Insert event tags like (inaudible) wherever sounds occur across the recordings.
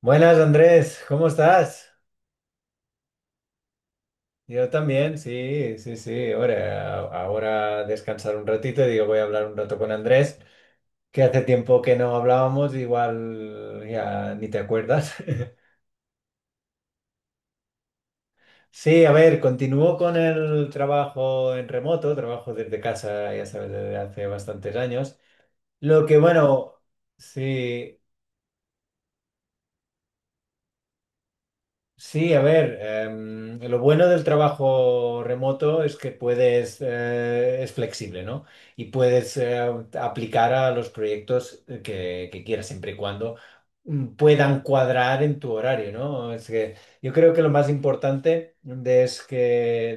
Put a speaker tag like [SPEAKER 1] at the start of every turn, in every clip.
[SPEAKER 1] Buenas Andrés, ¿cómo estás? Yo también, sí, sí, sí. Ahora descansar un ratito y digo, voy a hablar un rato con Andrés, que hace tiempo que no hablábamos, igual ya ni te acuerdas. (laughs) Sí, a ver, continúo con el trabajo en remoto, trabajo desde casa, ya sabes, desde hace bastantes años. Lo que bueno, sí. Sí, a ver, lo bueno del trabajo remoto es que puedes, es flexible, ¿no? Y puedes aplicar a los proyectos que quieras, siempre y cuando puedan cuadrar en tu horario, ¿no? Es que yo creo que lo más importante de, es que,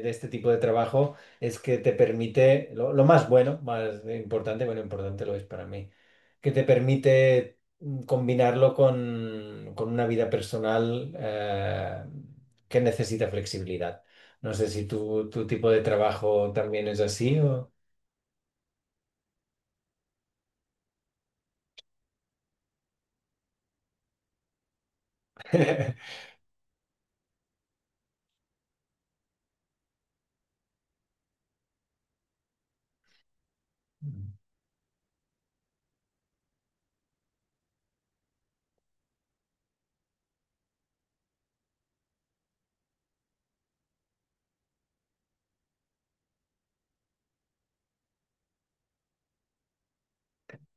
[SPEAKER 1] de este tipo de trabajo es que te permite, lo más bueno, más importante, bueno, importante lo es para mí, que te permite combinarlo con una vida personal que necesita flexibilidad. No sé si tu tipo de trabajo también es así o... (laughs)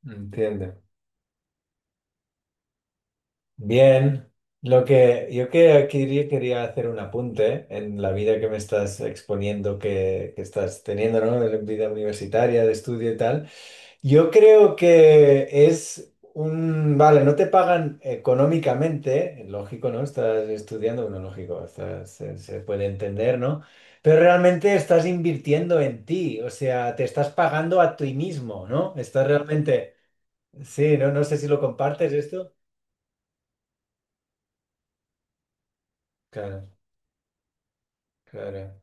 [SPEAKER 1] Entiendo. Bien. Lo que yo que aquí quería hacer un apunte en la vida que me estás exponiendo, que estás teniendo, ¿no? De la vida universitaria, de estudio y tal. Yo creo que es un... Vale, no te pagan económicamente, lógico, ¿no? Estás estudiando, bueno, lógico, estás- se puede entender, ¿no? Pero realmente estás invirtiendo en ti, o sea, te estás pagando a ti mismo, ¿no? Estás realmente... Sí, no, no sé si lo compartes esto. Claro, claro.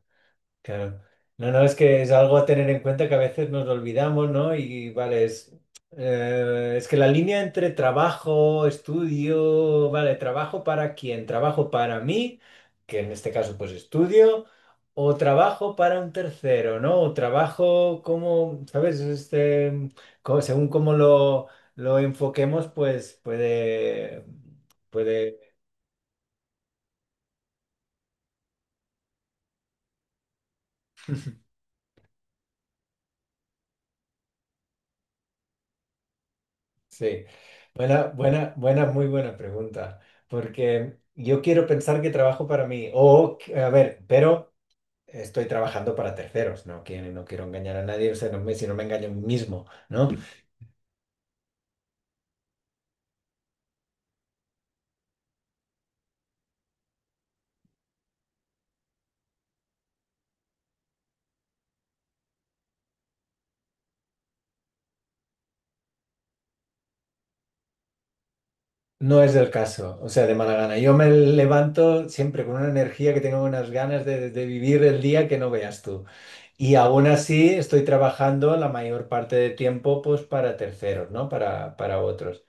[SPEAKER 1] Claro. No, no, es que es algo a tener en cuenta que a veces nos lo olvidamos, ¿no? Y vale, es que la línea entre trabajo, estudio, vale, trabajo para quién, trabajo para mí, que en este caso pues estudio, o trabajo para un tercero, ¿no? O trabajo como, ¿sabes? Este, según cómo lo enfoquemos, pues puede, puede. Sí, buena, muy buena pregunta, porque yo quiero pensar que trabajo para mí, o, que- a ver, pero estoy trabajando para terceros, no quiero, no quiero engañar a nadie, o sea, no me, si no me engaño a mí mismo, ¿no? No es el caso, o sea, de mala gana. Yo me levanto siempre con una energía que tengo unas ganas de vivir el día que no veas tú. Y aún así estoy trabajando la mayor parte del tiempo, pues, para terceros, ¿no? Para otros.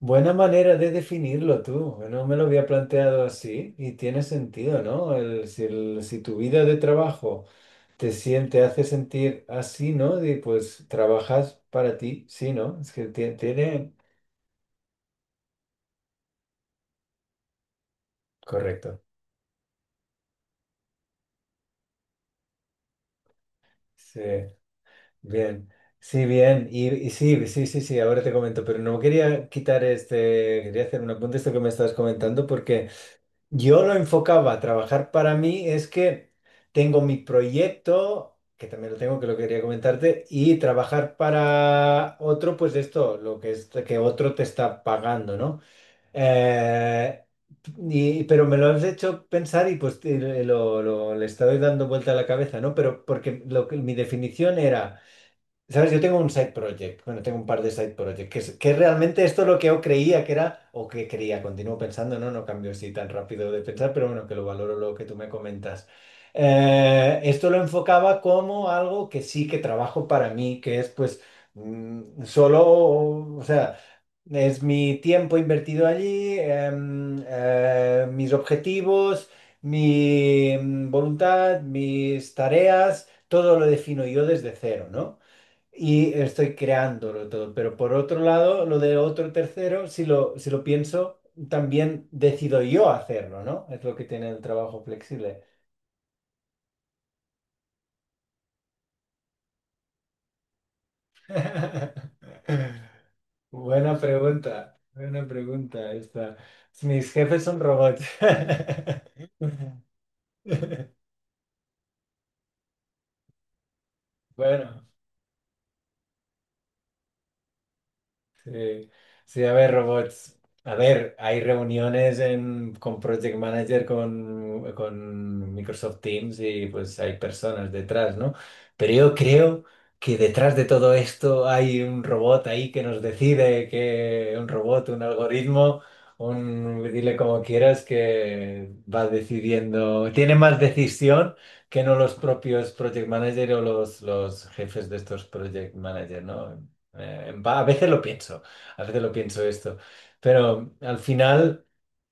[SPEAKER 1] Buena manera de definirlo tú. No me lo había planteado así y tiene sentido, ¿no? El- si tu vida de trabajo te siente, hace sentir así, ¿no? De, pues trabajas para ti, sí, ¿no? Es que tie- tiene... Correcto. Sí, bien. Sí, bien. Y sí, sí, sí, sí, ahora te comento, pero no quería quitar este, quería hacer un apunte a esto que me estás comentando porque... Yo lo enfocaba a trabajar para mí, es que tengo mi proyecto, que también lo tengo, que lo quería comentarte, y trabajar para otro, pues esto, lo que es que otro te está pagando, ¿no? Eh, y- pero me lo has hecho pensar y pues te- le estoy dando vuelta a la cabeza, ¿no? Pero porque lo que, mi definición era. ¿Sabes? Yo tengo un side project, bueno, tengo un par de side projects, que, es- que realmente esto es lo que yo creía que era, o que creía, continúo pensando, no, no cambio así tan rápido de pensar, pero bueno, que lo valoro lo que tú me comentas. Esto lo enfocaba como algo que sí que trabajo para mí, que es pues solo, o sea, es mi tiempo invertido allí, mis objetivos, mi voluntad, mis tareas, todo lo defino yo desde cero, ¿no? Y estoy creándolo todo. Pero por otro lado, lo de otro tercero, si lo pienso, también decido yo hacerlo, ¿no? Es lo que tiene el trabajo flexible. (laughs) Buena pregunta esta. Mis jefes son robots. (laughs) Bueno. Sí, sí, a ver, robots. A ver, hay reuniones en, con Project Manager, con Microsoft Teams y pues hay personas detrás, ¿no? Pero yo creo que detrás de todo esto hay un robot ahí que nos decide que un robot, un algoritmo, un, dile como quieras, que va decidiendo, tiene más decisión que no los propios Project Manager o los jefes de estos Project Manager, ¿no? Va, a veces lo pienso, a veces lo pienso esto, pero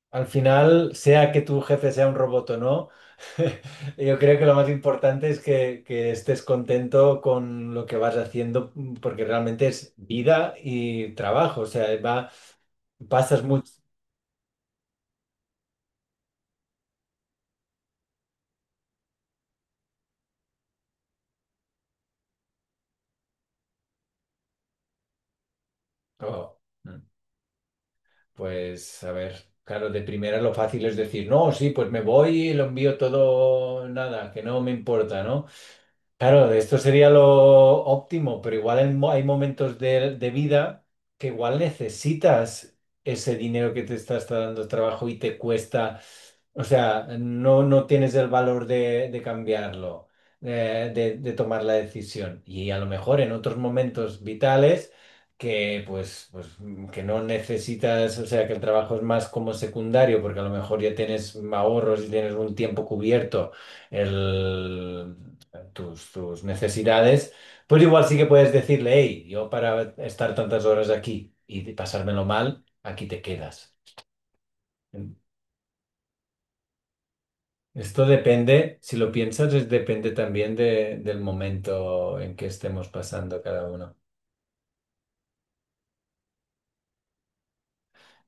[SPEAKER 1] al final, sea que tu jefe sea un robot o no, (laughs) yo creo que lo más importante es que estés contento con lo que vas haciendo, porque realmente es vida y trabajo, o sea, va, pasas mucho... Oh, mm. Pues, a ver, claro, de primera lo fácil es decir, no, sí, pues me voy y lo envío todo, nada, que no me importa, ¿no? Claro, esto sería lo óptimo, pero igual hay hay momentos de vida que igual necesitas ese dinero que te está, está dando el trabajo y te cuesta, o sea, no, no tienes el valor de cambiarlo, de tomar la decisión. Y a lo mejor en otros momentos vitales que pues, pues que no necesitas, o sea, que el trabajo es más como secundario, porque a lo mejor ya tienes ahorros y tienes un tiempo cubierto. El, tus necesidades, pues igual sí que puedes decirle, hey, yo para estar tantas horas aquí y de pasármelo mal, aquí te quedas. Esto depende, si lo piensas, es depende también de- del momento en que estemos pasando cada uno.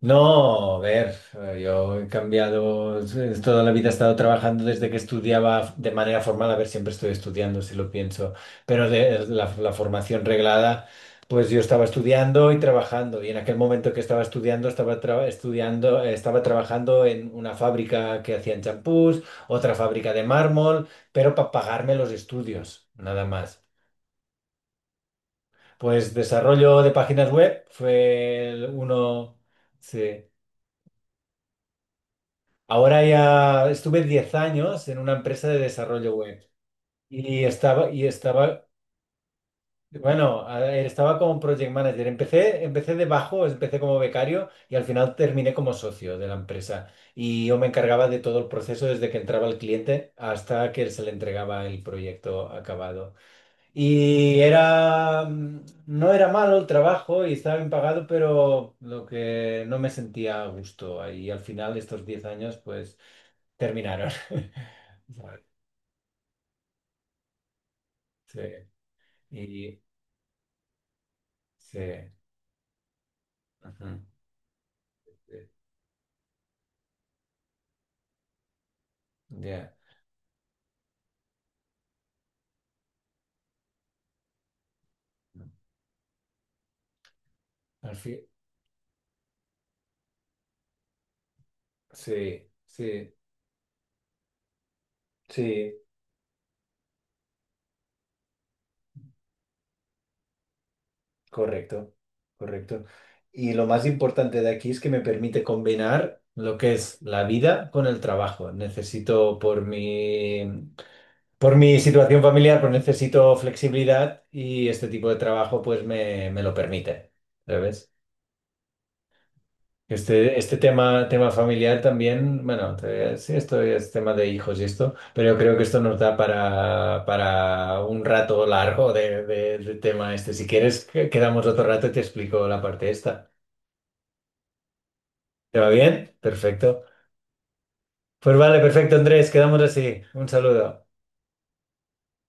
[SPEAKER 1] No, a ver, yo he cambiado, toda la vida he estado trabajando desde que estudiaba de manera formal, a ver, siempre estoy estudiando, si lo pienso, pero de la formación reglada, pues yo estaba estudiando y trabajando, y en aquel momento que estaba estudiando, estudiando, estaba trabajando en una fábrica que hacían champús, otra fábrica de mármol, pero para pagarme los estudios, nada más. Pues desarrollo de páginas web fue el uno, sí. Ahora ya estuve 10 años en una empresa de desarrollo web y estaba, bueno, a- estaba como project manager. Empecé, empecé de bajo, empecé como becario y al final terminé como socio de la empresa. Y yo me encargaba de todo el proceso desde que entraba el cliente hasta que se le entregaba el proyecto acabado. Y era, no era malo el trabajo y estaba bien pagado, pero lo que no me sentía a gusto ahí. Y al final, estos 10 años, pues... Terminaron. (laughs) Vale, sí. Y sí. Ujú, sí. Ya. Al fin. Sí, sí, sí. Correcto. Correcto. Y lo más importante de aquí es que me permite combinar lo que es la vida con el trabajo. Necesito por mi situación familiar, pues necesito flexibilidad y este tipo de trabajo pues me lo permite. ¿Sabes? Este tema, tema familiar también, bueno, te- sí, esto es tema de hijos y esto, pero yo creo que esto nos da para un rato largo de tema este. Si quieres, que- quedamos otro rato y te explico la parte esta. ¿Te va bien? Perfecto. Pues vale, perfecto, Andrés, quedamos así. Un saludo.